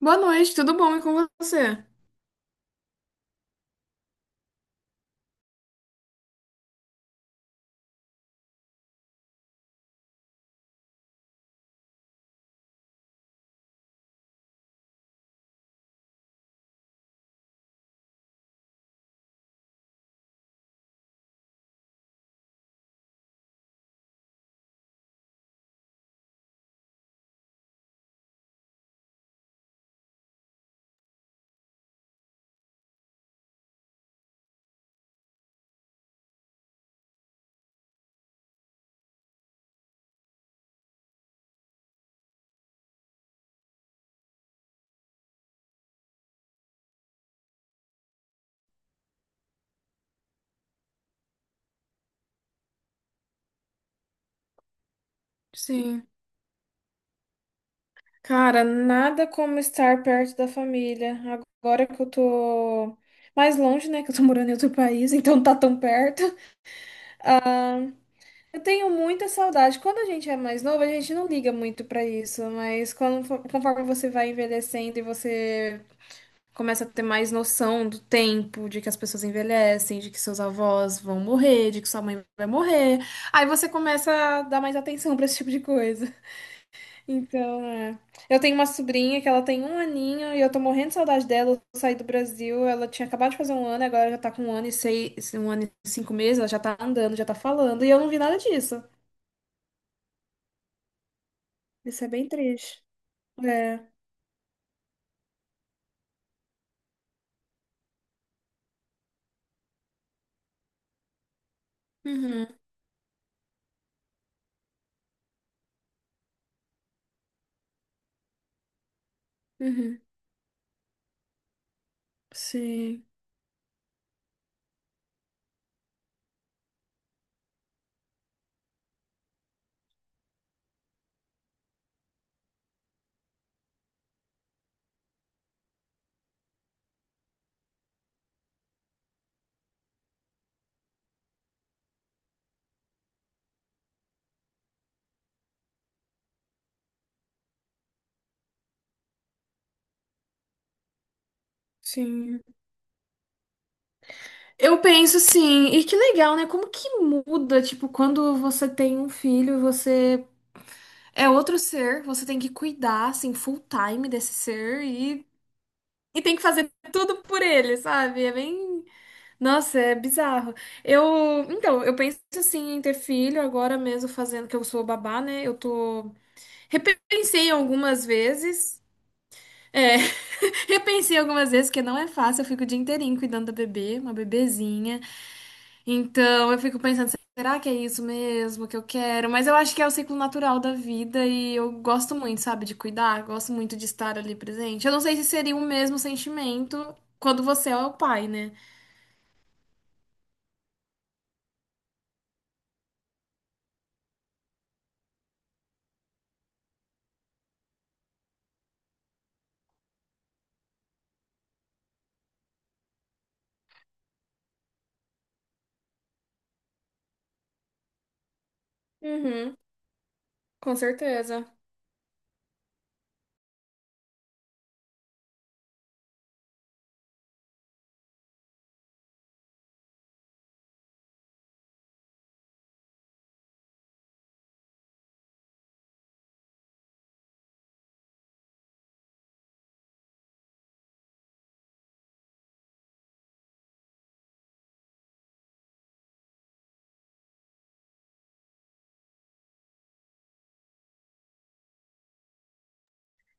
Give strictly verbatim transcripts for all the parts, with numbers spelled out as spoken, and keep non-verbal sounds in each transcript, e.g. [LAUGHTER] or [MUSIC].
Boa noite, tudo bom e com você? Sim. Cara, nada como estar perto da família. Agora que eu tô mais longe, né? Que eu tô morando em outro país, [LAUGHS] então não tá tão perto. Ah, eu tenho muita saudade. Quando a gente é mais novo, a gente não liga muito pra isso, mas quando, fo- conforme você vai envelhecendo e você começa a ter mais noção do tempo, de que as pessoas envelhecem, de que seus avós vão morrer, de que sua mãe vai morrer, aí você começa a dar mais atenção pra esse tipo de coisa. Então, é. Eu tenho uma sobrinha que ela tem um aninho e eu tô morrendo de saudade dela. Eu saí do Brasil, ela tinha acabado de fazer um ano, agora já tá com um ano e seis, um ano e cinco meses, ela já tá andando, já tá falando, e eu não vi nada disso. Isso é bem triste. É. Uhum, uhum. Sim, sim. Eu penso sim. E que legal, né? Como que muda, tipo, quando você tem um filho, você é outro ser, você tem que cuidar, assim, full time desse ser e E tem que fazer tudo por ele, sabe? É bem. Nossa, é bizarro. Eu. Então, eu penso assim em ter filho agora mesmo, fazendo que eu sou babá, né? Eu tô. Repensei algumas vezes. É, [LAUGHS] repensei algumas vezes, porque não é fácil. Eu fico o dia inteirinho cuidando da bebê, uma bebezinha. Então, eu fico pensando, será que é isso mesmo que eu quero? Mas eu acho que é o ciclo natural da vida e eu gosto muito, sabe, de cuidar, gosto muito de estar ali presente. Eu não sei se seria o mesmo sentimento quando você é o pai, né? Uhum, com certeza.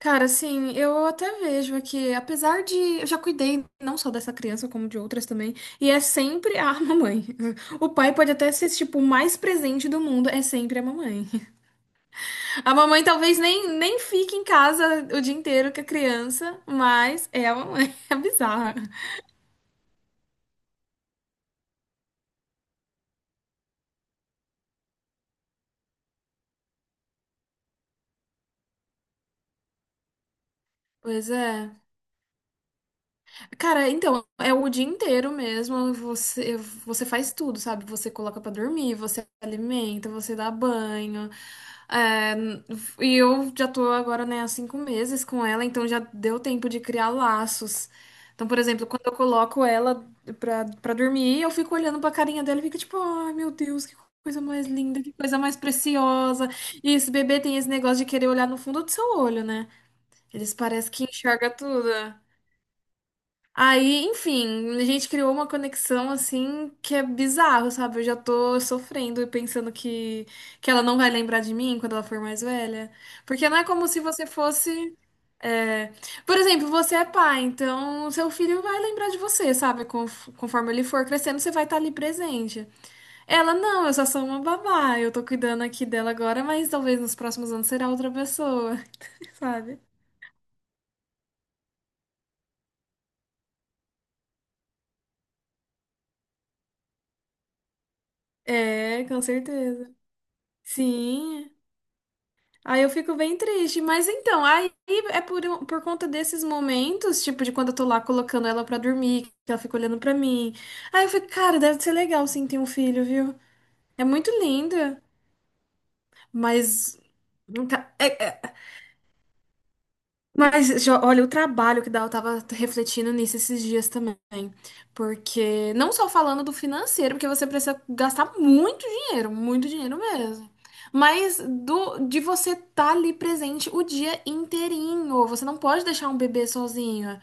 Cara, assim, eu até vejo aqui, apesar de. Eu já cuidei não só dessa criança, como de outras também, e é sempre a [LAUGHS] mamãe. O pai pode até ser, tipo, o mais presente do mundo, é sempre a mamãe. A mamãe talvez nem, nem fique em casa o dia inteiro com a criança, mas é a mamãe. [LAUGHS] É bizarra. Pois é. Cara, então, é o dia inteiro mesmo. Você, você faz tudo, sabe? Você coloca pra dormir, você alimenta, você dá banho. É, e eu já tô agora, né, há cinco meses com ela, então já deu tempo de criar laços. Então, por exemplo, quando eu coloco ela pra, pra dormir, eu fico olhando pra carinha dela e fico tipo, ai meu Deus, que coisa mais linda, que coisa mais preciosa. E esse bebê tem esse negócio de querer olhar no fundo do seu olho, né? Eles parecem que enxerga tudo. Aí, enfim, a gente criou uma conexão assim que é bizarro, sabe? Eu já tô sofrendo e pensando que, que ela não vai lembrar de mim quando ela for mais velha. Porque não é como se você fosse. É, por exemplo, você é pai, então seu filho vai lembrar de você, sabe? Conf- Conforme ele for crescendo, você vai estar ali presente. Ela, não, eu só sou uma babá, eu tô cuidando aqui dela agora, mas talvez nos próximos anos será outra pessoa, [LAUGHS] sabe? É, com certeza. Sim. Aí eu fico bem triste, mas então, aí é por, um- por conta desses momentos, tipo, de quando eu tô lá colocando ela pra dormir, que ela fica olhando pra mim. Aí eu fico, cara, deve ser legal sim ter um filho, viu? É muito linda, mas. Não tá- É, mas, jo- olha, o trabalho que dá, eu tava refletindo nisso esses dias também. Porque, não só falando do financeiro, porque você precisa gastar muito dinheiro, muito dinheiro mesmo. Mas do, de você estar ali presente o dia inteirinho. Você não pode deixar um bebê sozinho.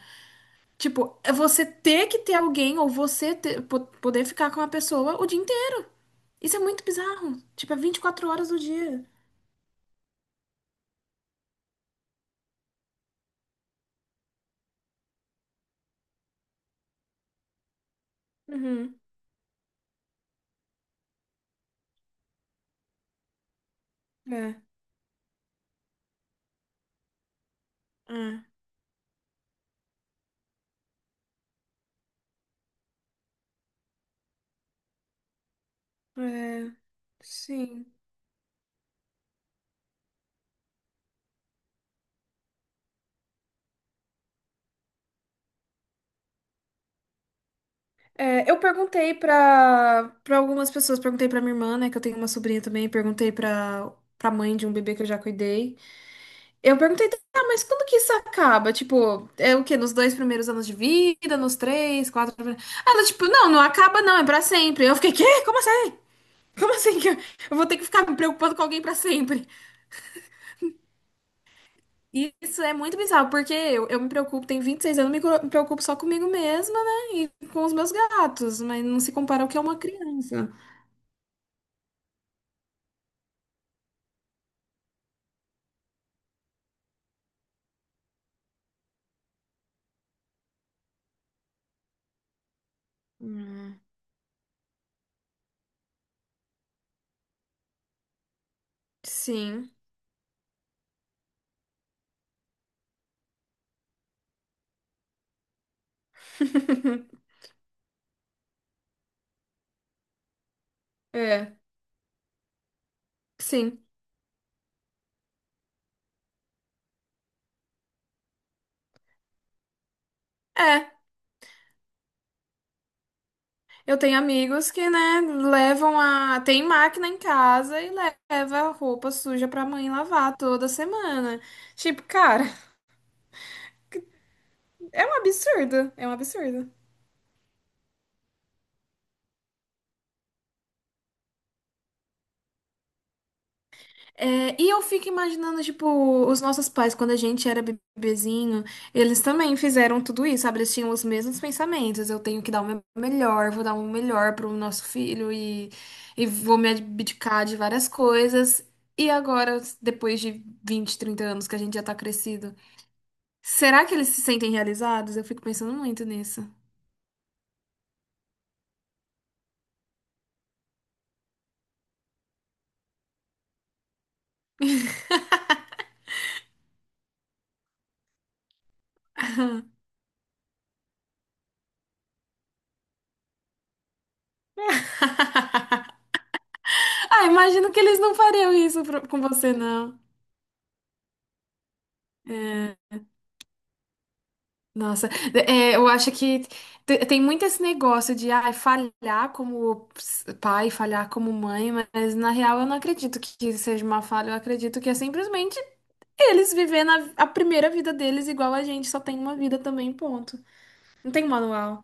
Tipo, é você ter que ter alguém ou você ter- po- poder ficar com uma pessoa o dia inteiro. Isso é muito bizarro. Tipo, é vinte e quatro horas do dia. Uhum. É, é, é. Sim. É, eu perguntei pra para algumas pessoas, perguntei pra minha irmã, né, que eu tenho uma sobrinha também, perguntei pra para mãe de um bebê que eu já cuidei. Eu perguntei, tá, mas quando que isso acaba? Tipo, é o quê? Nos dois primeiros anos de vida, nos três, quatro. Ela, tipo, não, não acaba não, é pra sempre. Eu fiquei, quê? Como assim? Como assim que eu eu vou ter que ficar me preocupando com alguém pra sempre? E isso é muito bizarro, porque eu, eu me preocupo, tenho vinte e seis anos, me cro- me preocupo só comigo mesma, né? E com os meus gatos, mas não se compara ao que é uma criança. Sim. [LAUGHS] É, sim. É, eu tenho amigos que, né, levam a. Tem máquina em casa e leva a roupa suja pra mãe lavar toda semana. Tipo, cara, [LAUGHS] é um absurdo. É um absurdo. É, e eu fico imaginando, tipo, os nossos pais, quando a gente era bebezinho, eles também fizeram tudo isso, sabe? Eles tinham os mesmos pensamentos. Eu tenho que dar o meu melhor, vou dar o melhor pro nosso filho e, e vou me abdicar de várias coisas. E agora, depois de vinte trinta anos que a gente já tá crescido, será que eles se sentem realizados? Eu fico pensando muito nisso. Ah, imagino que eles não fariam isso pro- com você, não. É. Nossa, é, eu acho que te- tem muito esse negócio de ai, falhar como ps- pai, falhar como mãe, mas na real eu não acredito que que seja uma falha, eu acredito que é simplesmente eles vivendo a, a primeira vida deles igual a gente, só tem uma vida também, ponto. Não tem manual.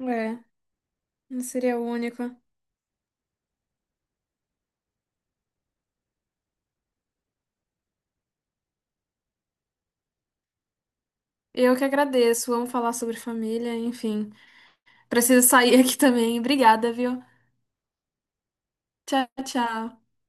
É, não seria o único. Eu que agradeço, vamos falar sobre família, enfim. Preciso sair [LAUGHS] aqui também. Obrigada, viu? Tchau, tchau.